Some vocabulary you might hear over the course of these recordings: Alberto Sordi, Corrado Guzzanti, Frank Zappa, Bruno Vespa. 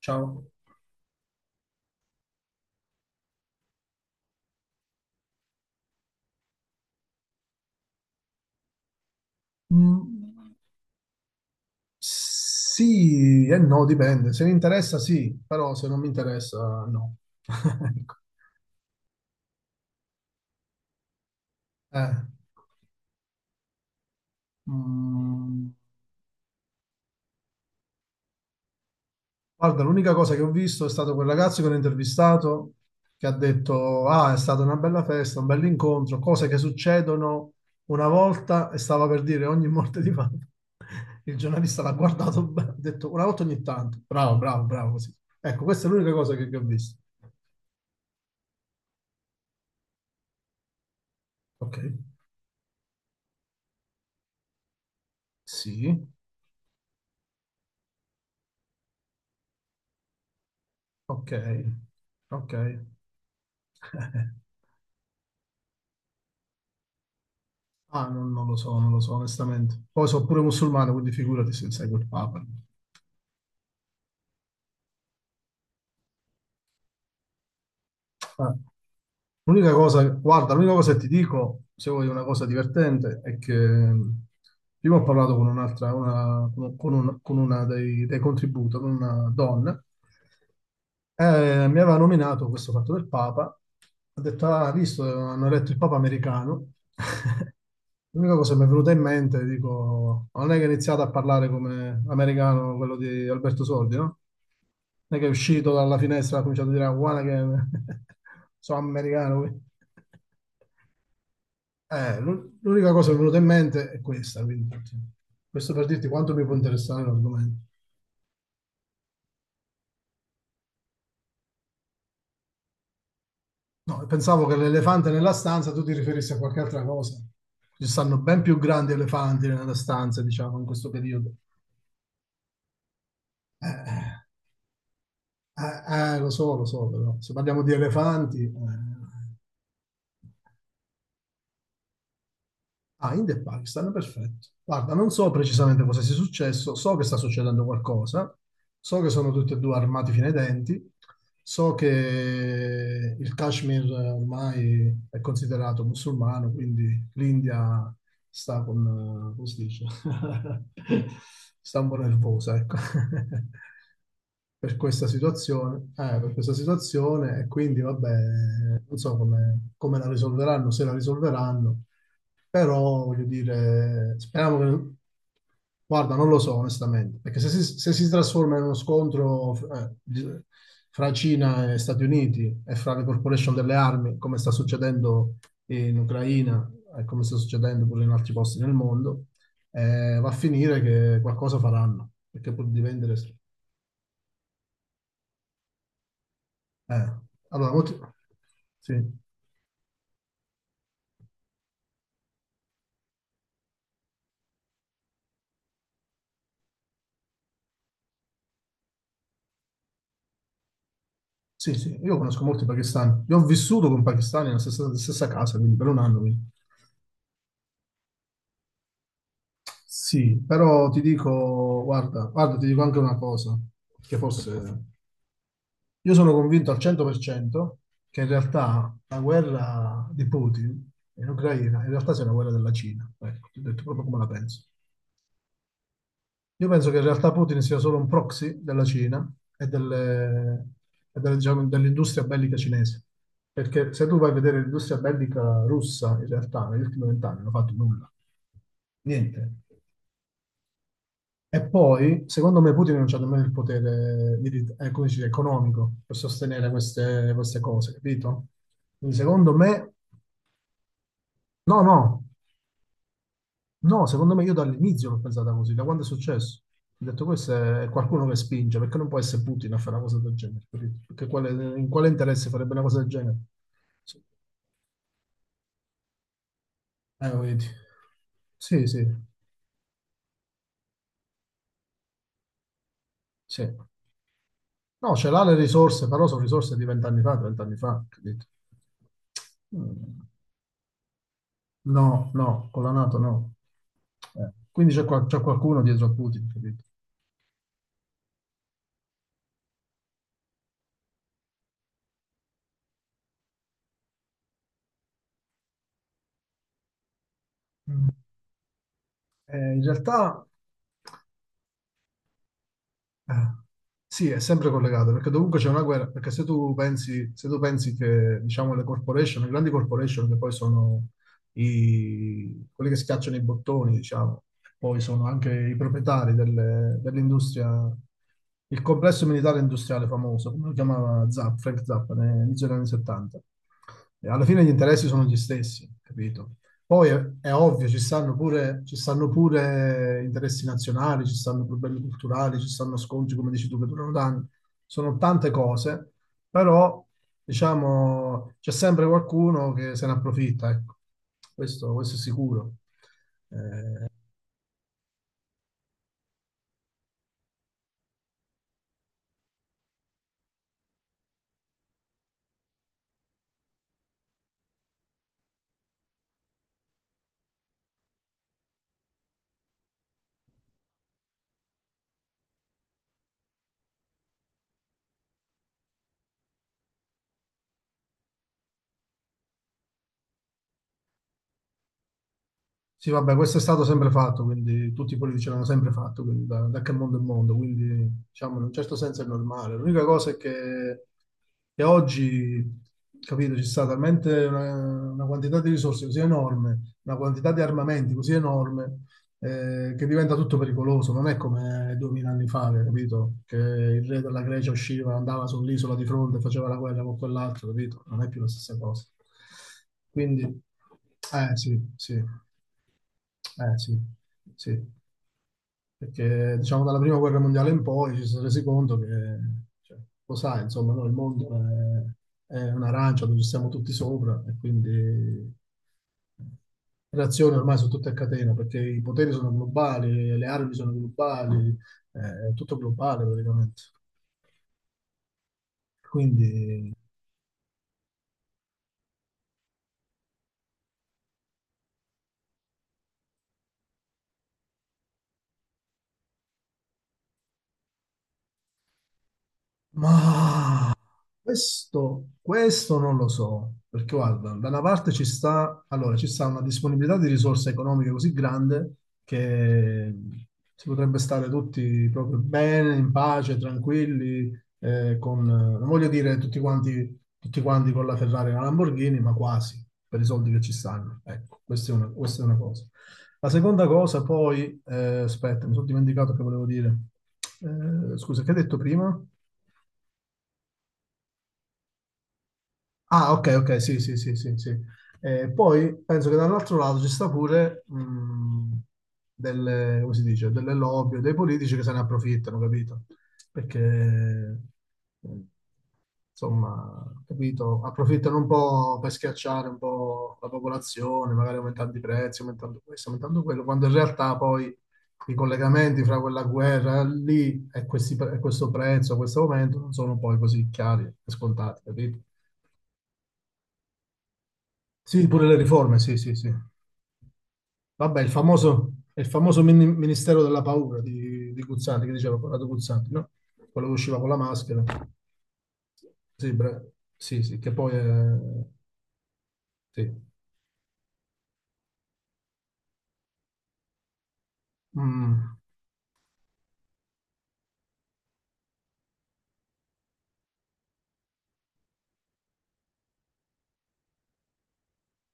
Ciao. Mm, sì e no, dipende. Se mi interessa sì, però se non mi interessa no. Ecco. Eh. Mm, guarda, l'unica cosa che ho visto è stato quel ragazzo che ho intervistato che ha detto, ah, è stata una bella festa, un bel incontro, cose che succedono una volta e stava per dire ogni morte di Papa. Il giornalista l'ha guardato bene, ha detto una volta ogni tanto. Bravo, bravo, bravo, così. Ecco, questa è l'unica cosa che ho visto. Ok, sì. Okay, okay. Ah, non lo so, non lo so onestamente. Poi so' pure musulmano, quindi figurati se seguo il Papa. Eh. L'unica cosa guarda, l'unica cosa che ti dico, se vuoi una cosa divertente, è che prima ho parlato con un'altra una con un con una dei contributor, con una donna mi aveva nominato questo fatto del Papa, ha detto: "Ah, hai visto, hanno eletto il Papa americano." L'unica cosa che mi è venuta in mente, dico, ma non è che ha iniziato a parlare come americano quello di Alberto Sordi, no? Non è che è uscito dalla finestra e ha cominciato a dire, "Ah, guarda che sono americano, quindi". L'unica cosa che mi è venuta in mente è questa, quindi, questo per dirti quanto mi può interessare l'argomento. No, pensavo che l'elefante nella stanza tu ti riferissi a qualche altra cosa. Ci stanno ben più grandi elefanti nella stanza, diciamo, in questo periodo. Eh. Lo so, lo so, però se parliamo di elefanti. Eh. Ah, India e Pakistan, perfetto. Guarda, non so precisamente cosa sia successo, so che sta succedendo qualcosa, so che sono tutti e due armati fino ai denti, so che il Kashmir ormai è considerato musulmano, quindi l'India sta con, come si dice, sta un po' nervosa, ecco. Per questa situazione, per questa situazione e quindi vabbè, non so come la risolveranno, se la risolveranno, però, voglio dire, speriamo che... Guarda, non lo so onestamente, perché se si trasforma in uno scontro fra Cina e Stati Uniti e fra le corporation delle armi, come sta succedendo in Ucraina e come sta succedendo pure in altri posti nel mondo, va a finire che qualcosa faranno, perché pur di vendere. Eh. Allora, sì, sì, sì, io conosco molti pakistani, io ho vissuto con pakistani nella stessa casa, quindi per un anno. Quindi. Sì, però ti dico, guarda, guarda, ti dico anche una cosa, che forse io sono convinto al 100% che in realtà la guerra di Putin in Ucraina in realtà sia una guerra della Cina, ecco, ti ho detto proprio come la penso. Io penso che in realtà Putin sia solo un proxy della Cina e delle- e delle, diciamo, dell'industria bellica cinese, perché se tu vai a vedere l'industria bellica russa, in realtà negli ultimi 20 anni non ha fatto nulla, niente. E poi, secondo me, Putin non c'ha nemmeno il potere come si dice, economico per sostenere queste cose, capito? Quindi, secondo me, no, no, no, secondo me io dall'inizio l'ho pensata così, da quando è successo. Ho detto, questo è qualcuno che spinge, perché non può essere Putin a fare una cosa del genere, capito? Perché in quale interesse farebbe una cosa del genere? Sì. Lo vedi. Sì, sì, sì. No, ce l'ha le risorse, però sono risorse di 20 anni fa, 30 anni fa, capito? Mm. No, no, con la NATO no. Quindi c'è qualcuno dietro a Putin, capito? In realtà eh, sì, è sempre collegato, perché dovunque c'è una guerra, perché se tu pensi che diciamo, le corporation, le grandi corporation che poi sono quelli che schiacciano i bottoni, diciamo, poi sono anche i proprietari dell'industria, il complesso militare industriale famoso, come lo chiamava Zapp, Frank Zappa, all'inizio degli anni 70. E alla fine gli interessi sono gli stessi, capito? Poi è ovvio, ci stanno pure interessi nazionali, ci stanno problemi culturali, ci stanno scontri, come dici tu, che durano da anni. Sono tante cose, però diciamo c'è sempre qualcuno che se ne approfitta, ecco. Questo è sicuro. Sì, vabbè, questo è stato sempre fatto, quindi tutti i politici l'hanno sempre fatto, quindi da che mondo è mondo, quindi diciamo in un certo senso è normale. L'unica cosa è che oggi, capito, ci sta talmente una quantità di risorse così enorme, una quantità di armamenti così enorme, che diventa tutto pericoloso. Non è come 2000 anni fa, che, capito, che il re della Grecia usciva, andava sull'isola di fronte, e faceva la guerra con quell'altro, capito? Non è più la stessa cosa. Quindi, eh sì, sì, eh sì, sì, perché diciamo dalla prima guerra mondiale in poi ci si è resi conto che, cioè, lo sai, insomma, no, il mondo è un'arancia dove ci siamo tutti sopra e quindi le azioni ormai sono tutte a catena perché i poteri sono globali, le armi sono globali, è tutto globale praticamente. Quindi. Ma questo non lo so, perché guarda, da una parte ci sta, allora, ci sta una disponibilità di risorse economiche così grande che si potrebbe stare tutti proprio bene, in pace, tranquilli, con, non voglio dire tutti quanti con la Ferrari e la Lamborghini, ma quasi, per i soldi che ci stanno. Ecco, questa è una cosa. La seconda cosa, poi, aspetta, mi sono dimenticato che volevo dire. Scusa, che hai detto prima? Ah, ok, ok, sì, sì, sì, sì, sì. Poi penso che dall'altro lato ci sta pure delle, come si dice, delle lobby, o dei politici che se ne approfittano, capito? Perché, eh, insomma, capito, approfittano un po' per schiacciare un po' la popolazione, magari aumentando i prezzi, aumentando questo, aumentando quello, quando in realtà poi i collegamenti fra quella guerra lì e questo prezzo, questo aumento non sono poi così chiari e scontati, capito? Sì, pure le riforme, sì, sì, sì. Vabbè, il famoso Ministero della Paura di Guzzanti, che diceva Corrado Guzzanti, no? Quello che usciva con la maschera. Sì, sì, sì, che poi è. Sì. Mm.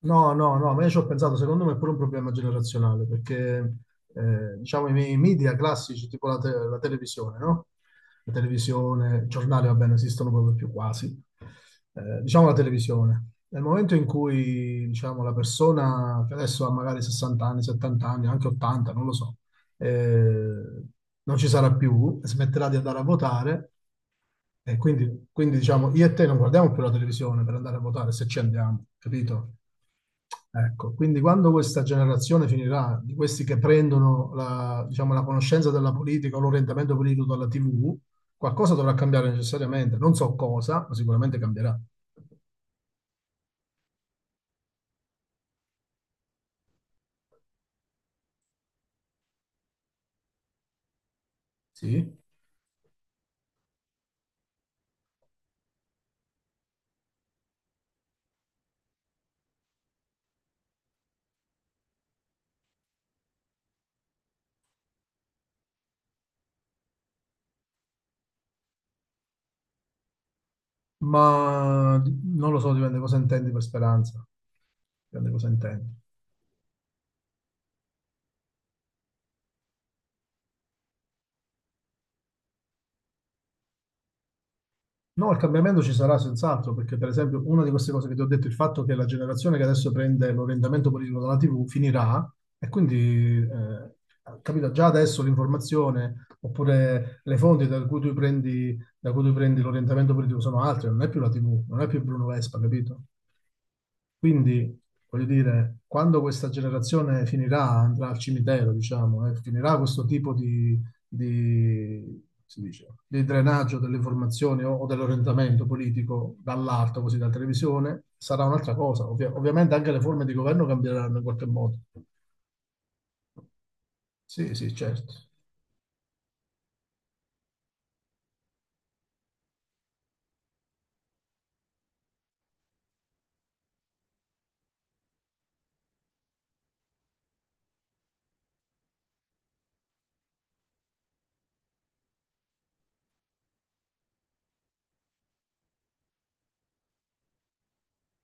No, no, no, ma io ci ho pensato, secondo me è pure un problema generazionale, perché diciamo i miei media classici, tipo la televisione, no? La televisione, i giornali, va bene, esistono proprio più quasi. Diciamo la televisione. Nel momento in cui, diciamo, la persona che adesso ha magari 60 anni, 70 anni, anche 80, non lo so, eh, non ci sarà più, smetterà di andare a votare, e quindi, diciamo, io e te non guardiamo più la televisione per andare a votare se ci andiamo, capito? Ecco, quindi quando questa generazione finirà, di questi che prendono la, diciamo, la conoscenza della politica o l'orientamento politico dalla TV, qualcosa dovrà cambiare necessariamente. Non so cosa, ma sicuramente cambierà. Sì, ma non lo so, dipende cosa intendi per speranza. Dipende cosa intendi. No, il cambiamento ci sarà senz'altro, perché per esempio una di queste cose che ti ho detto, il fatto che la generazione che adesso prende l'orientamento politico dalla TV finirà e quindi, capito, già adesso l'informazione oppure le fonti da cui tu prendi, l'orientamento politico sono altre, non è più la TV, non è più Bruno Vespa, capito? Quindi, voglio dire, quando questa generazione finirà, andrà al cimitero, diciamo, e finirà questo tipo di, si dice, di drenaggio delle informazioni o dell'orientamento politico dall'alto, così dalla televisione, sarà un'altra cosa. Ovviamente anche le forme di governo cambieranno in qualche modo. Sì, sì, certo.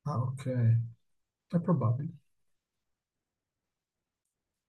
Ah, ok. È probabile.